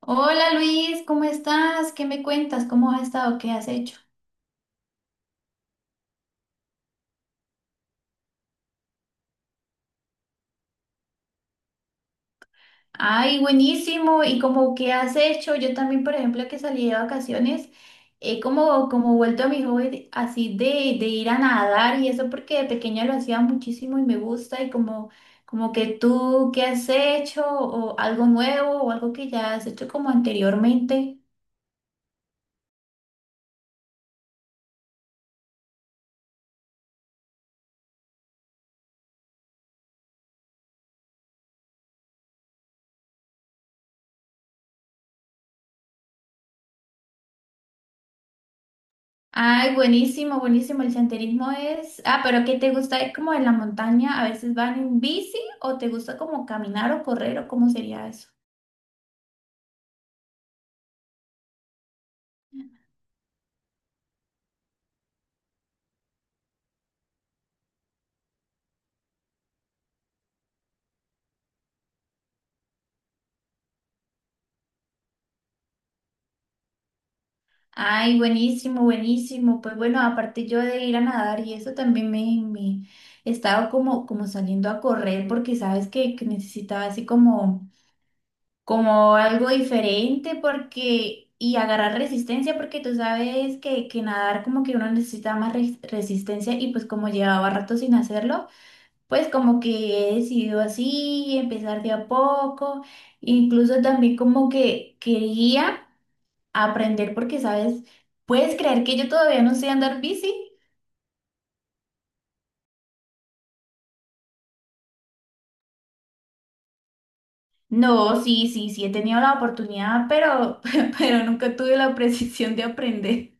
Hola Luis, ¿cómo estás? ¿Qué me cuentas? ¿Cómo has estado? ¿Qué has hecho? Ay, buenísimo. ¿Y como qué has hecho? Yo también, por ejemplo, que salí de vacaciones, he como, vuelto a mi hobby de ir a nadar y eso porque de pequeña lo hacía muchísimo y me gusta y como, como que tú, ¿qué has hecho? ¿O algo nuevo o algo que ya has hecho como anteriormente? Ay, buenísimo, buenísimo. El senderismo es... Ah, pero ¿qué te gusta? ¿Es como en la montaña? ¿A veces van en bici o te gusta como caminar o correr o cómo sería eso? Ay, buenísimo, buenísimo. Pues bueno, aparte yo de ir a nadar y eso también me he estado como, como saliendo a correr porque sabes que necesitaba así como, como algo diferente porque... Y agarrar resistencia porque tú sabes que nadar como que uno necesita más resistencia y pues como llevaba rato sin hacerlo. Pues como que he decidido así, empezar de a poco, incluso también como que quería aprender porque, ¿sabes? ¿Puedes creer que yo todavía no sé andar bici? No, sí, sí, sí, he tenido la oportunidad, pero, pero nunca tuve la precisión de aprender.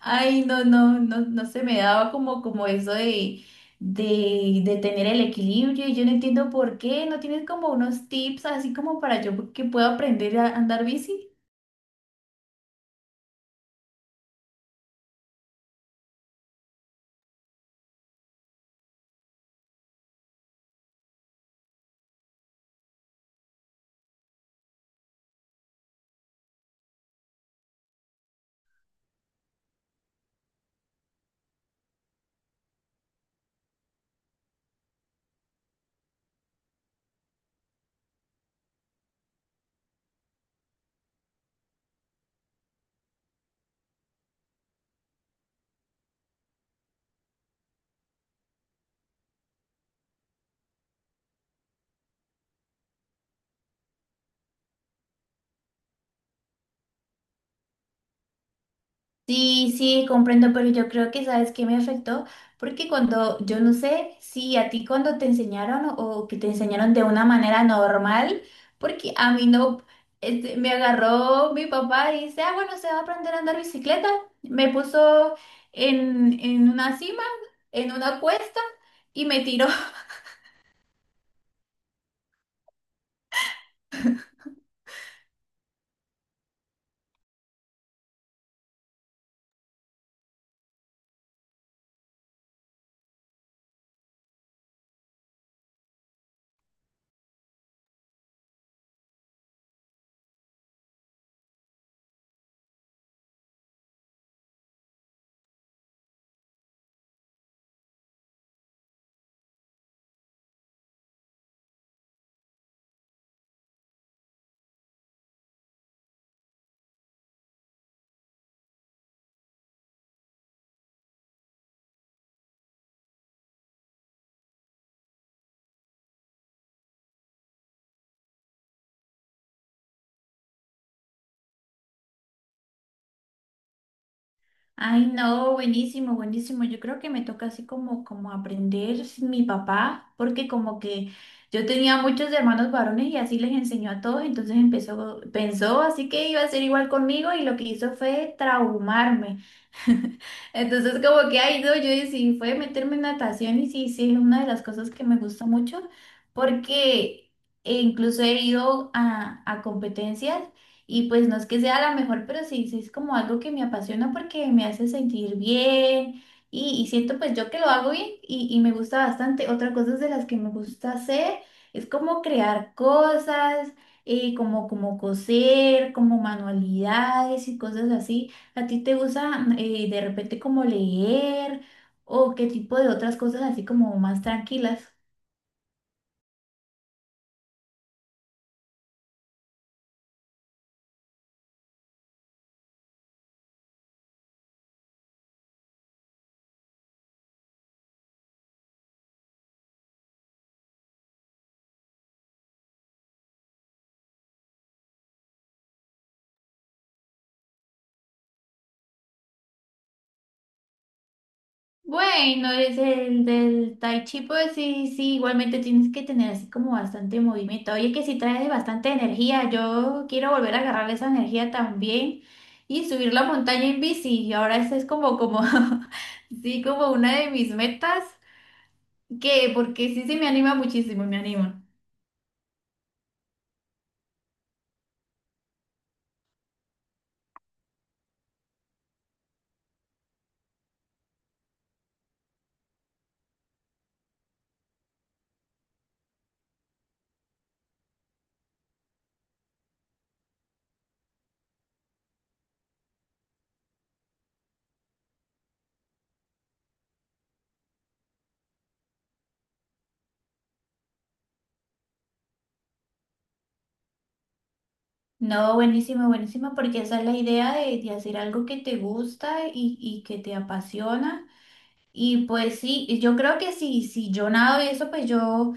Ay, no, no, no, no se me daba como, como eso de tener el equilibrio y yo no entiendo por qué. ¿No tienes como unos tips así como para yo que pueda aprender a andar bici? Sí, sí, comprendo, pero yo creo que sabes que me afectó, porque cuando, yo no sé si a ti cuando te enseñaron o que te enseñaron de una manera normal, porque a mí no, este, me agarró mi papá y dice, ah, bueno, se va a aprender a andar bicicleta, me puso en una cima, en una cuesta y me tiró. Ay, no, buenísimo, buenísimo. Yo creo que me toca así como, como aprender mi papá, porque como que yo tenía muchos hermanos varones y así les enseñó a todos, entonces empezó, pensó así que iba a ser igual conmigo y lo que hizo fue traumarme. Entonces como que, ay, no, yo decidí fue meterme en natación y sí, sí, es una de las cosas que me gusta mucho porque incluso he ido a competencias y pues no es que sea la mejor, pero sí, sí es como algo que me apasiona porque me hace sentir bien y siento pues yo que lo hago bien y me gusta bastante. Otra cosa de las que me gusta hacer es como crear cosas, como, como coser, como manualidades y cosas así. ¿A ti te gusta de repente como leer o qué tipo de otras cosas así como más tranquilas? Bueno, es el del Tai Chi, pues sí, sí, igualmente tienes que tener así como bastante movimiento. Oye, que sí trae bastante energía. Yo quiero volver a agarrar esa energía también y subir la montaña en bici. Y ahora esa es como, como, sí, como una de mis metas, que porque sí, sí me anima muchísimo, me anima. No, buenísimo, buenísimo, porque esa es la idea de hacer algo que te gusta y que te apasiona. Y pues sí, y yo creo que si, si yo nado y eso, pues yo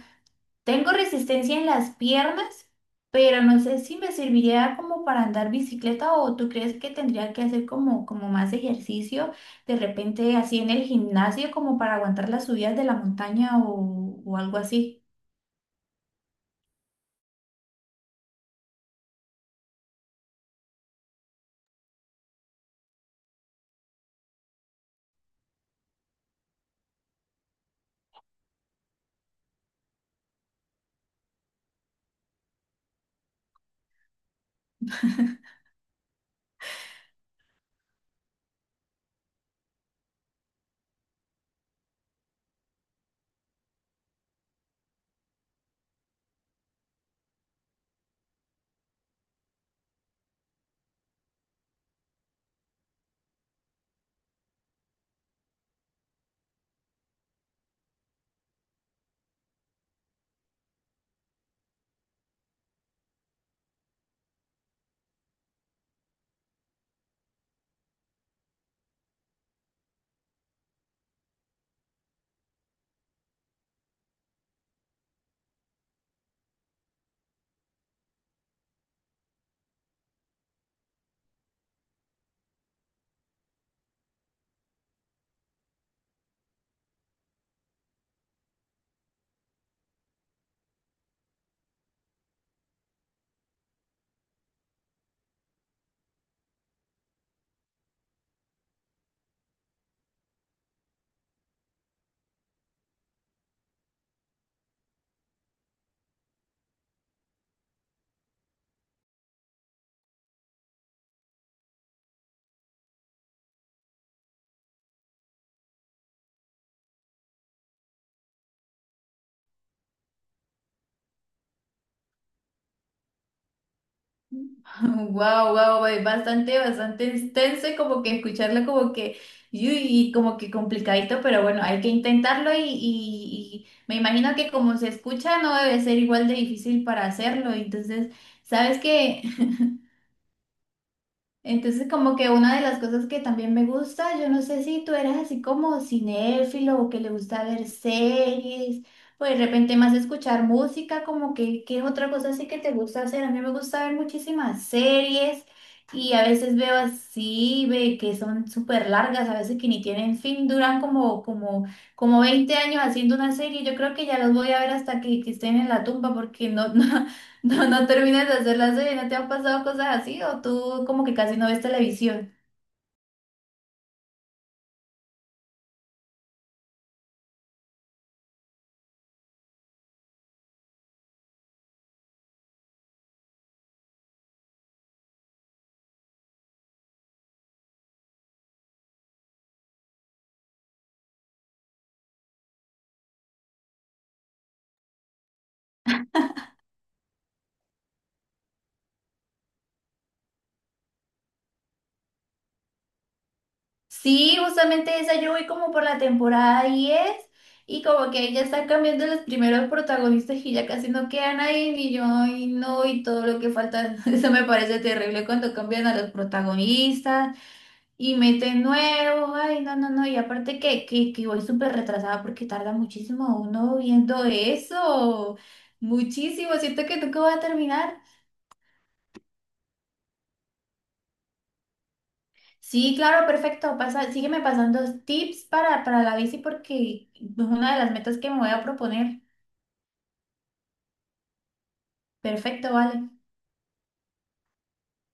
tengo resistencia en las piernas, pero no sé si me serviría como para andar bicicleta o tú crees que tendría que hacer como, como más ejercicio, de repente así en el gimnasio, como para aguantar las subidas de la montaña o algo así. Wow, wow, bastante, bastante extenso y como que escucharlo como que, y y como que complicadito, pero bueno, hay que intentarlo y me imagino que como se escucha no debe ser igual de difícil para hacerlo. Entonces, ¿sabes qué? Entonces, como que una de las cosas que también me gusta, yo no sé si tú eres así como cinéfilo o que le gusta ver series o de repente más escuchar música, como que, ¿qué es otra cosa así que te gusta hacer? A mí me gusta ver muchísimas series y a veces veo así, ve que son súper largas, a veces que ni tienen fin, duran como, como, como 20 años haciendo una serie. Yo creo que ya los voy a ver hasta que estén en la tumba porque no, no, no, no terminas de hacer la serie. ¿No te han pasado cosas así? ¿O tú como que casi no ves televisión? Sí, justamente esa yo voy como por la temporada 10 y como que ya están cambiando los primeros protagonistas y ya casi no queda nadie, ni yo, y no, y todo lo que falta. Eso me parece terrible cuando cambian a los protagonistas y meten nuevos, ay, no, no, no, y aparte que voy súper retrasada porque tarda muchísimo uno viendo eso, muchísimo, siento que nunca va a terminar. Sí, claro, perfecto. Pasa, sígueme pasando tips para la bici porque es una de las metas que me voy a proponer. Perfecto, vale.